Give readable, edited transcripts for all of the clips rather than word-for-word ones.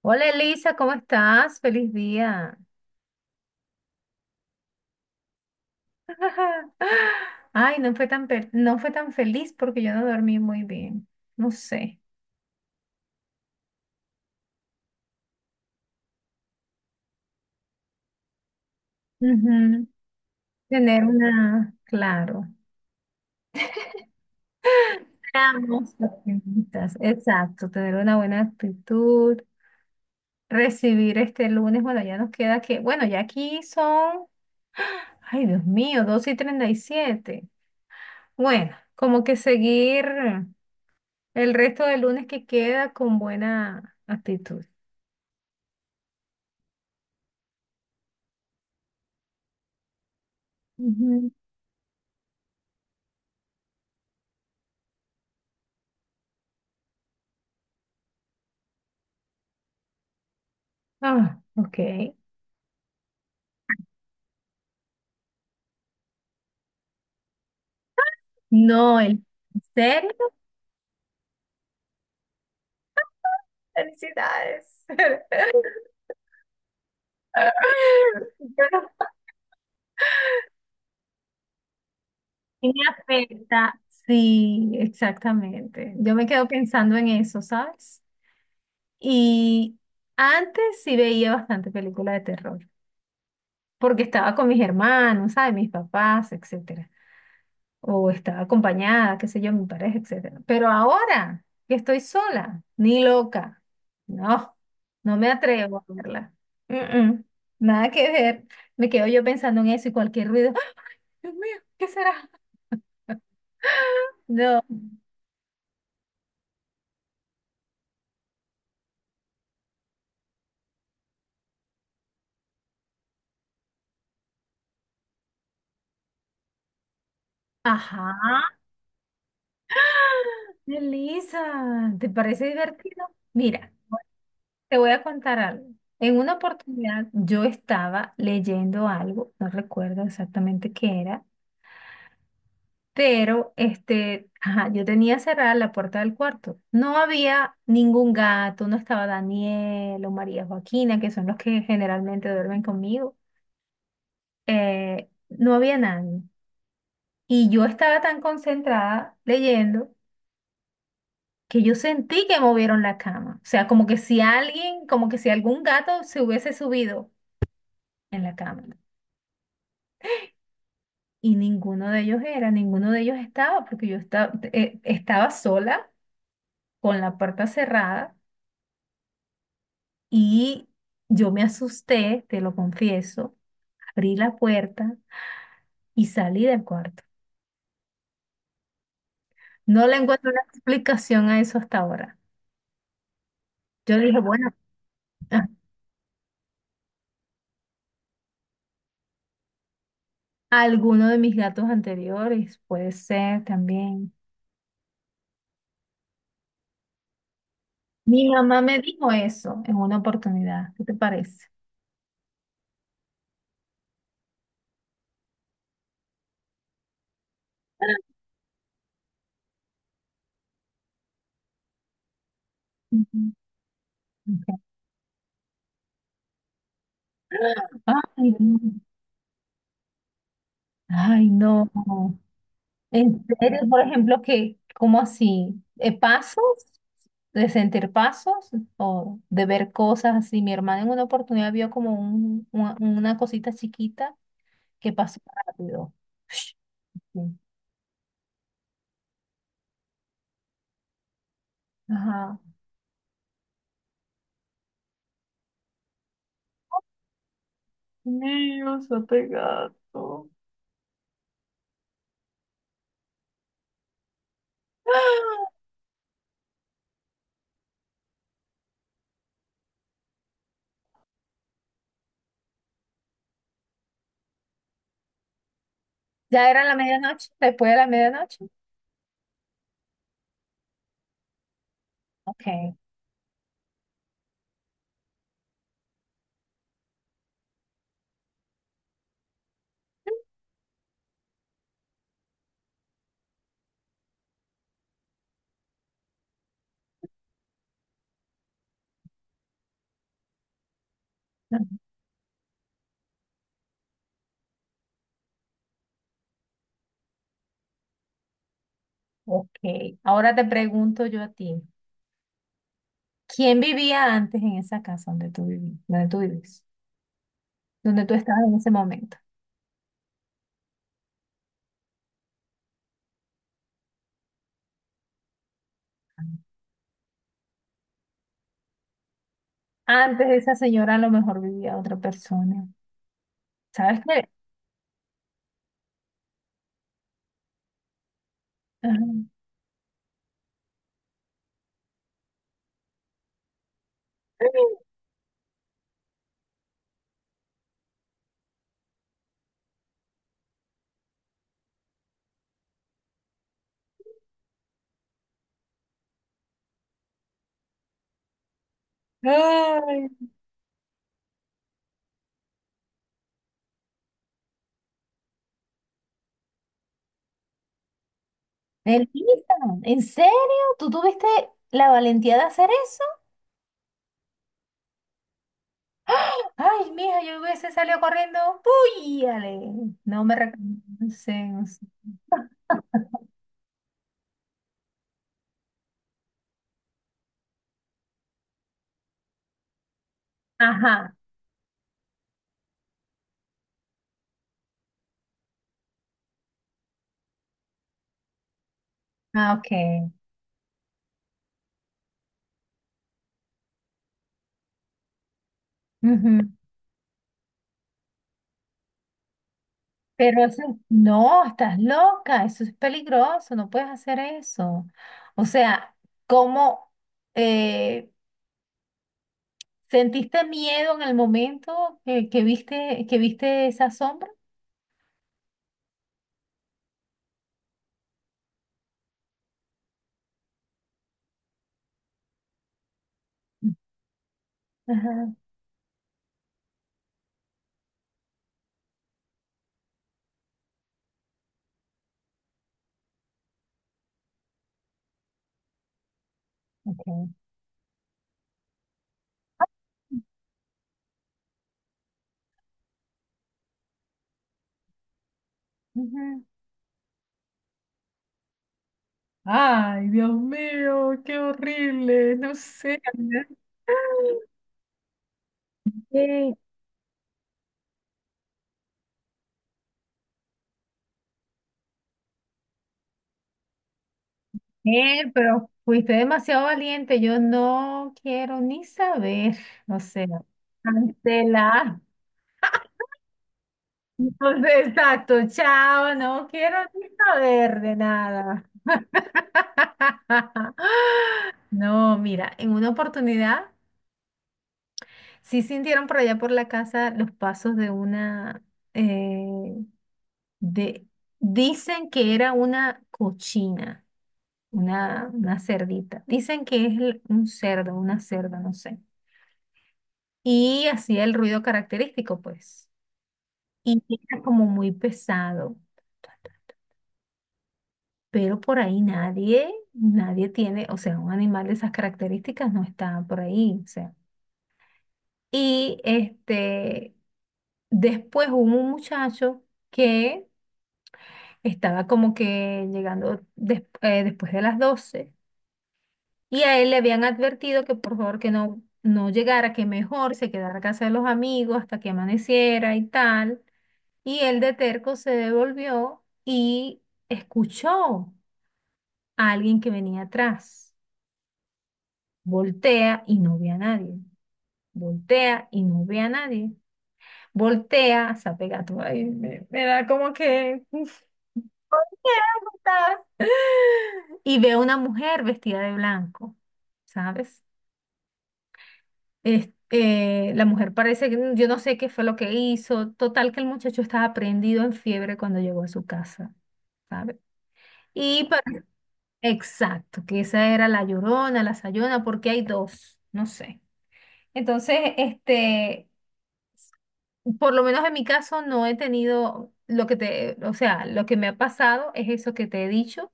Hola Elisa, ¿cómo estás? Feliz día. Ay, no fue tan, no fue tan feliz porque yo no dormí muy bien. No sé. Ujú. Tener una, claro. Seamos optimistas. Exacto, tener una buena actitud, recibir este lunes. Bueno, ya nos queda que, bueno, ya aquí son, ay Dios mío, 2 y treinta y siete. Bueno, como que seguir el resto del lunes que queda con buena actitud. Ujú. Ah, ok. No, el... ¿En serio? Felicidades. Pero sí me afecta. Sí, exactamente. Yo me quedo pensando en eso, ¿sabes? Y antes sí veía bastante película de terror, porque estaba con mis hermanos, ¿sabes? Mis papás, etc. O estaba acompañada, qué sé yo, mi pareja, etcétera. Pero ahora que estoy sola, ni loca, no, no me atrevo a verla. Mm, mm, nada que ver. Me quedo yo pensando en eso y cualquier ruido. ¡Ah! Dios mío, ¿qué será? No. Ajá, Elisa, ¿te parece divertido? Mira, te voy a contar algo. En una oportunidad yo estaba leyendo algo, no recuerdo exactamente qué era. Pero ajá, yo tenía cerrada la puerta del cuarto. No había ningún gato, no estaba Daniel o María Joaquina, que son los que generalmente duermen conmigo. No había nadie. Y yo estaba tan concentrada leyendo que yo sentí que movieron la cama. O sea, como que si alguien, como que si algún gato se hubiese subido en la cama. Y ninguno de ellos era, ninguno de ellos estaba, porque yo estaba sola con la puerta cerrada y yo me asusté, te lo confieso, abrí la puerta y salí del cuarto. No le encuentro una explicación a eso hasta ahora. Yo dije, bueno, alguno de mis gatos anteriores puede ser también. Mi mamá me dijo eso en una oportunidad. ¿Qué te parece? Ujú. Ok. Ay, no. Ay, no. En serio, por ejemplo, que, ¿cómo así? ¿Pasos? ¿De sentir pasos? ¿O de ver cosas así? Mi hermana en una oportunidad vio como una cosita chiquita que pasó rápido. Ajá. Dios, ate gato. ¿Ya era la medianoche? ¿Después de la medianoche? Ok. Ok. Ahora te pregunto yo a ti. ¿Quién vivía antes en esa casa donde tú donde tú vives? Donde tú estabas en ese momento. Antes de esa señora a lo mejor vivía otra persona. ¿Sabes qué? Ajá. Ay, Melissa, ¿en serio? ¿Tú tuviste la valentía de hacer eso? ¡Ah! Ay, mija, yo hubiese salido corriendo. ¡Puyale! No me reconocen. Ajá. Ah, ok. Ujú. Pero no, estás loca. Eso es peligroso. No puedes hacer eso. O sea, ¿cómo? eh, ¿Sentiste miedo en el momento que viste esa sombra? Ajá, ok. Ujú. Ay, Dios mío, qué horrible, no sé. Ana. Sí. Pero fuiste demasiado valiente. Yo no quiero ni saber. O sea, cancelar. Entonces, exacto, chao. No quiero ni saber de nada. No, mira, en una oportunidad. Sí sintieron por allá por la casa los pasos de una, eh, de, dicen que era una cochina, una cerdita. Dicen que es un cerdo, una cerda, no sé. Y hacía el ruido característico, pues. Y era como muy pesado. Pero por ahí nadie, nadie tiene, o sea, un animal de esas características no está por ahí, o sea. Y después hubo un muchacho que estaba como que llegando después de las 12 y a él le habían advertido que por favor que no llegara, que mejor se quedara a casa de los amigos hasta que amaneciera y tal. Y él de terco se devolvió y escuchó a alguien que venía atrás. Voltea y no ve a nadie. Voltea y no ve a nadie. Voltea, se apega todo. Ay, me da como que Y veo una mujer vestida de blanco, ¿sabes? La mujer parece que yo no sé qué fue lo que hizo. Total que el muchacho estaba prendido en fiebre cuando llegó a su casa, ¿sabes? Y exacto, que esa era la llorona, la sayona, porque hay dos, no sé. Entonces, por lo menos en mi caso no he tenido lo que te, o sea, lo que me ha pasado es eso que te he dicho,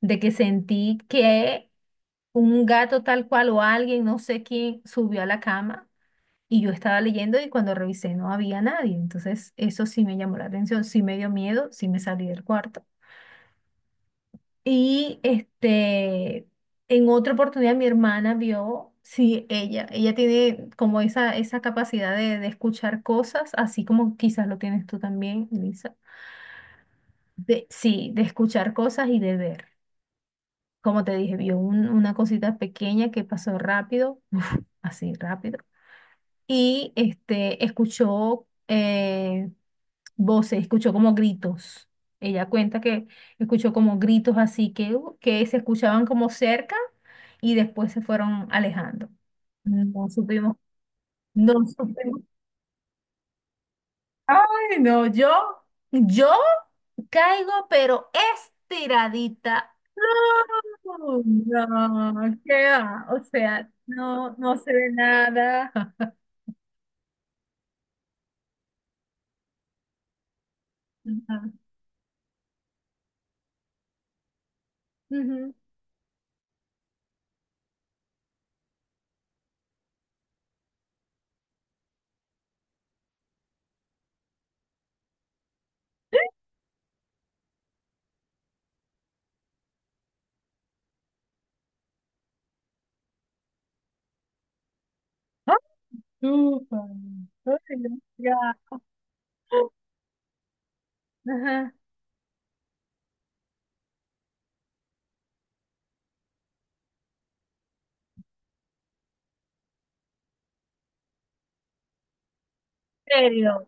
de que sentí que un gato tal cual o alguien, no sé quién, subió a la cama y yo estaba leyendo y cuando revisé no había nadie. Entonces, eso sí me llamó la atención, sí me dio miedo, sí me salí del cuarto. Y en otra oportunidad mi hermana vio, sí, ella tiene como esa capacidad de escuchar cosas, así como quizás lo tienes tú también, Lisa. De, sí, de escuchar cosas y de ver. Como te dije, vio una cosita pequeña que pasó rápido, así rápido. Y escuchó voces, escuchó como gritos. Ella cuenta que escuchó como gritos así que se escuchaban como cerca y después se fueron alejando. No supimos, no supimos. Ay, no, yo, caigo, pero estiradita. No, no, qué va, o sea, no, no se ve nada. Ajá. Ujú. Súper. Ay, ya. Ajá. ¿En serio?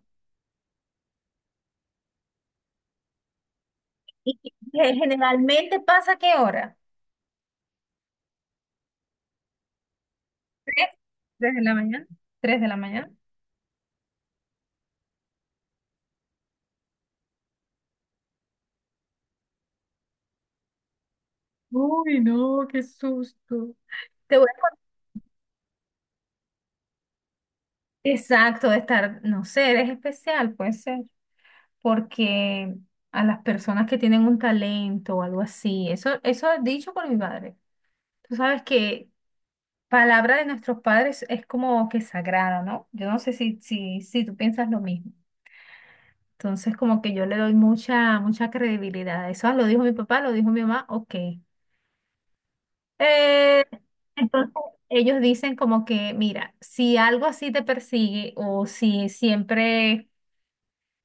¿Y qué generalmente pasa a qué hora? ¿Tres? ¿Tres de la mañana? ¿Tres de la mañana? Uy, no, qué susto. Te voy a- Exacto, de estar, no sé, eres especial, puede ser, porque a las personas que tienen un talento o algo así, eso es dicho por mi padre. Tú sabes que palabra de nuestros padres es como que sagrada, ¿no? Yo no sé si tú piensas lo mismo. Entonces, como que yo le doy mucha, mucha credibilidad eso. "Ah, lo dijo mi papá, lo dijo mi mamá, ok. Entonces, ellos dicen como que, mira, si algo así te persigue o si siempre,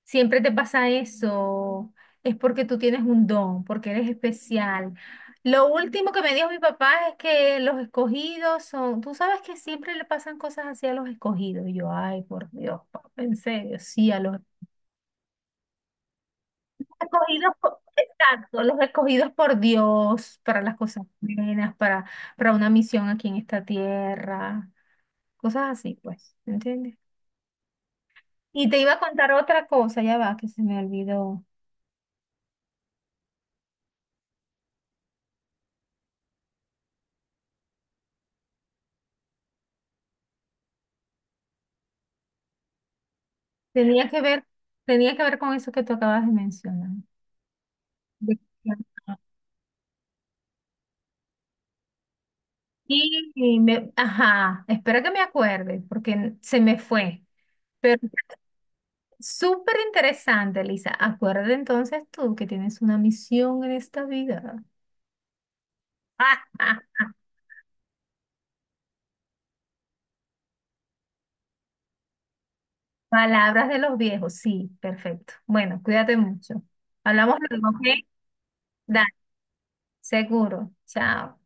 siempre te pasa eso, es porque tú tienes un don, porque eres especial. Lo último que me dijo mi papá es que los escogidos son, tú sabes que siempre le pasan cosas así a los escogidos. Y yo, ay, por Dios, papá, en serio, sí, a los escogidos, exacto, los escogidos por Dios para las cosas buenas, para, una misión aquí en esta tierra, cosas así, pues, ¿entiendes? Y te iba a contar otra cosa, ya va, que se me olvidó. Tenía que ver, tenía que ver con eso que tú acabas de mencionar. De- Y ajá, espera que me acuerde, porque se me fue. Pero súper interesante, Lisa. Acuérdate entonces tú que tienes una misión en esta vida. Palabras de los viejos, sí, perfecto. Bueno, cuídate mucho. Hablamos luego, ¿ok? Dale, seguro. Chao.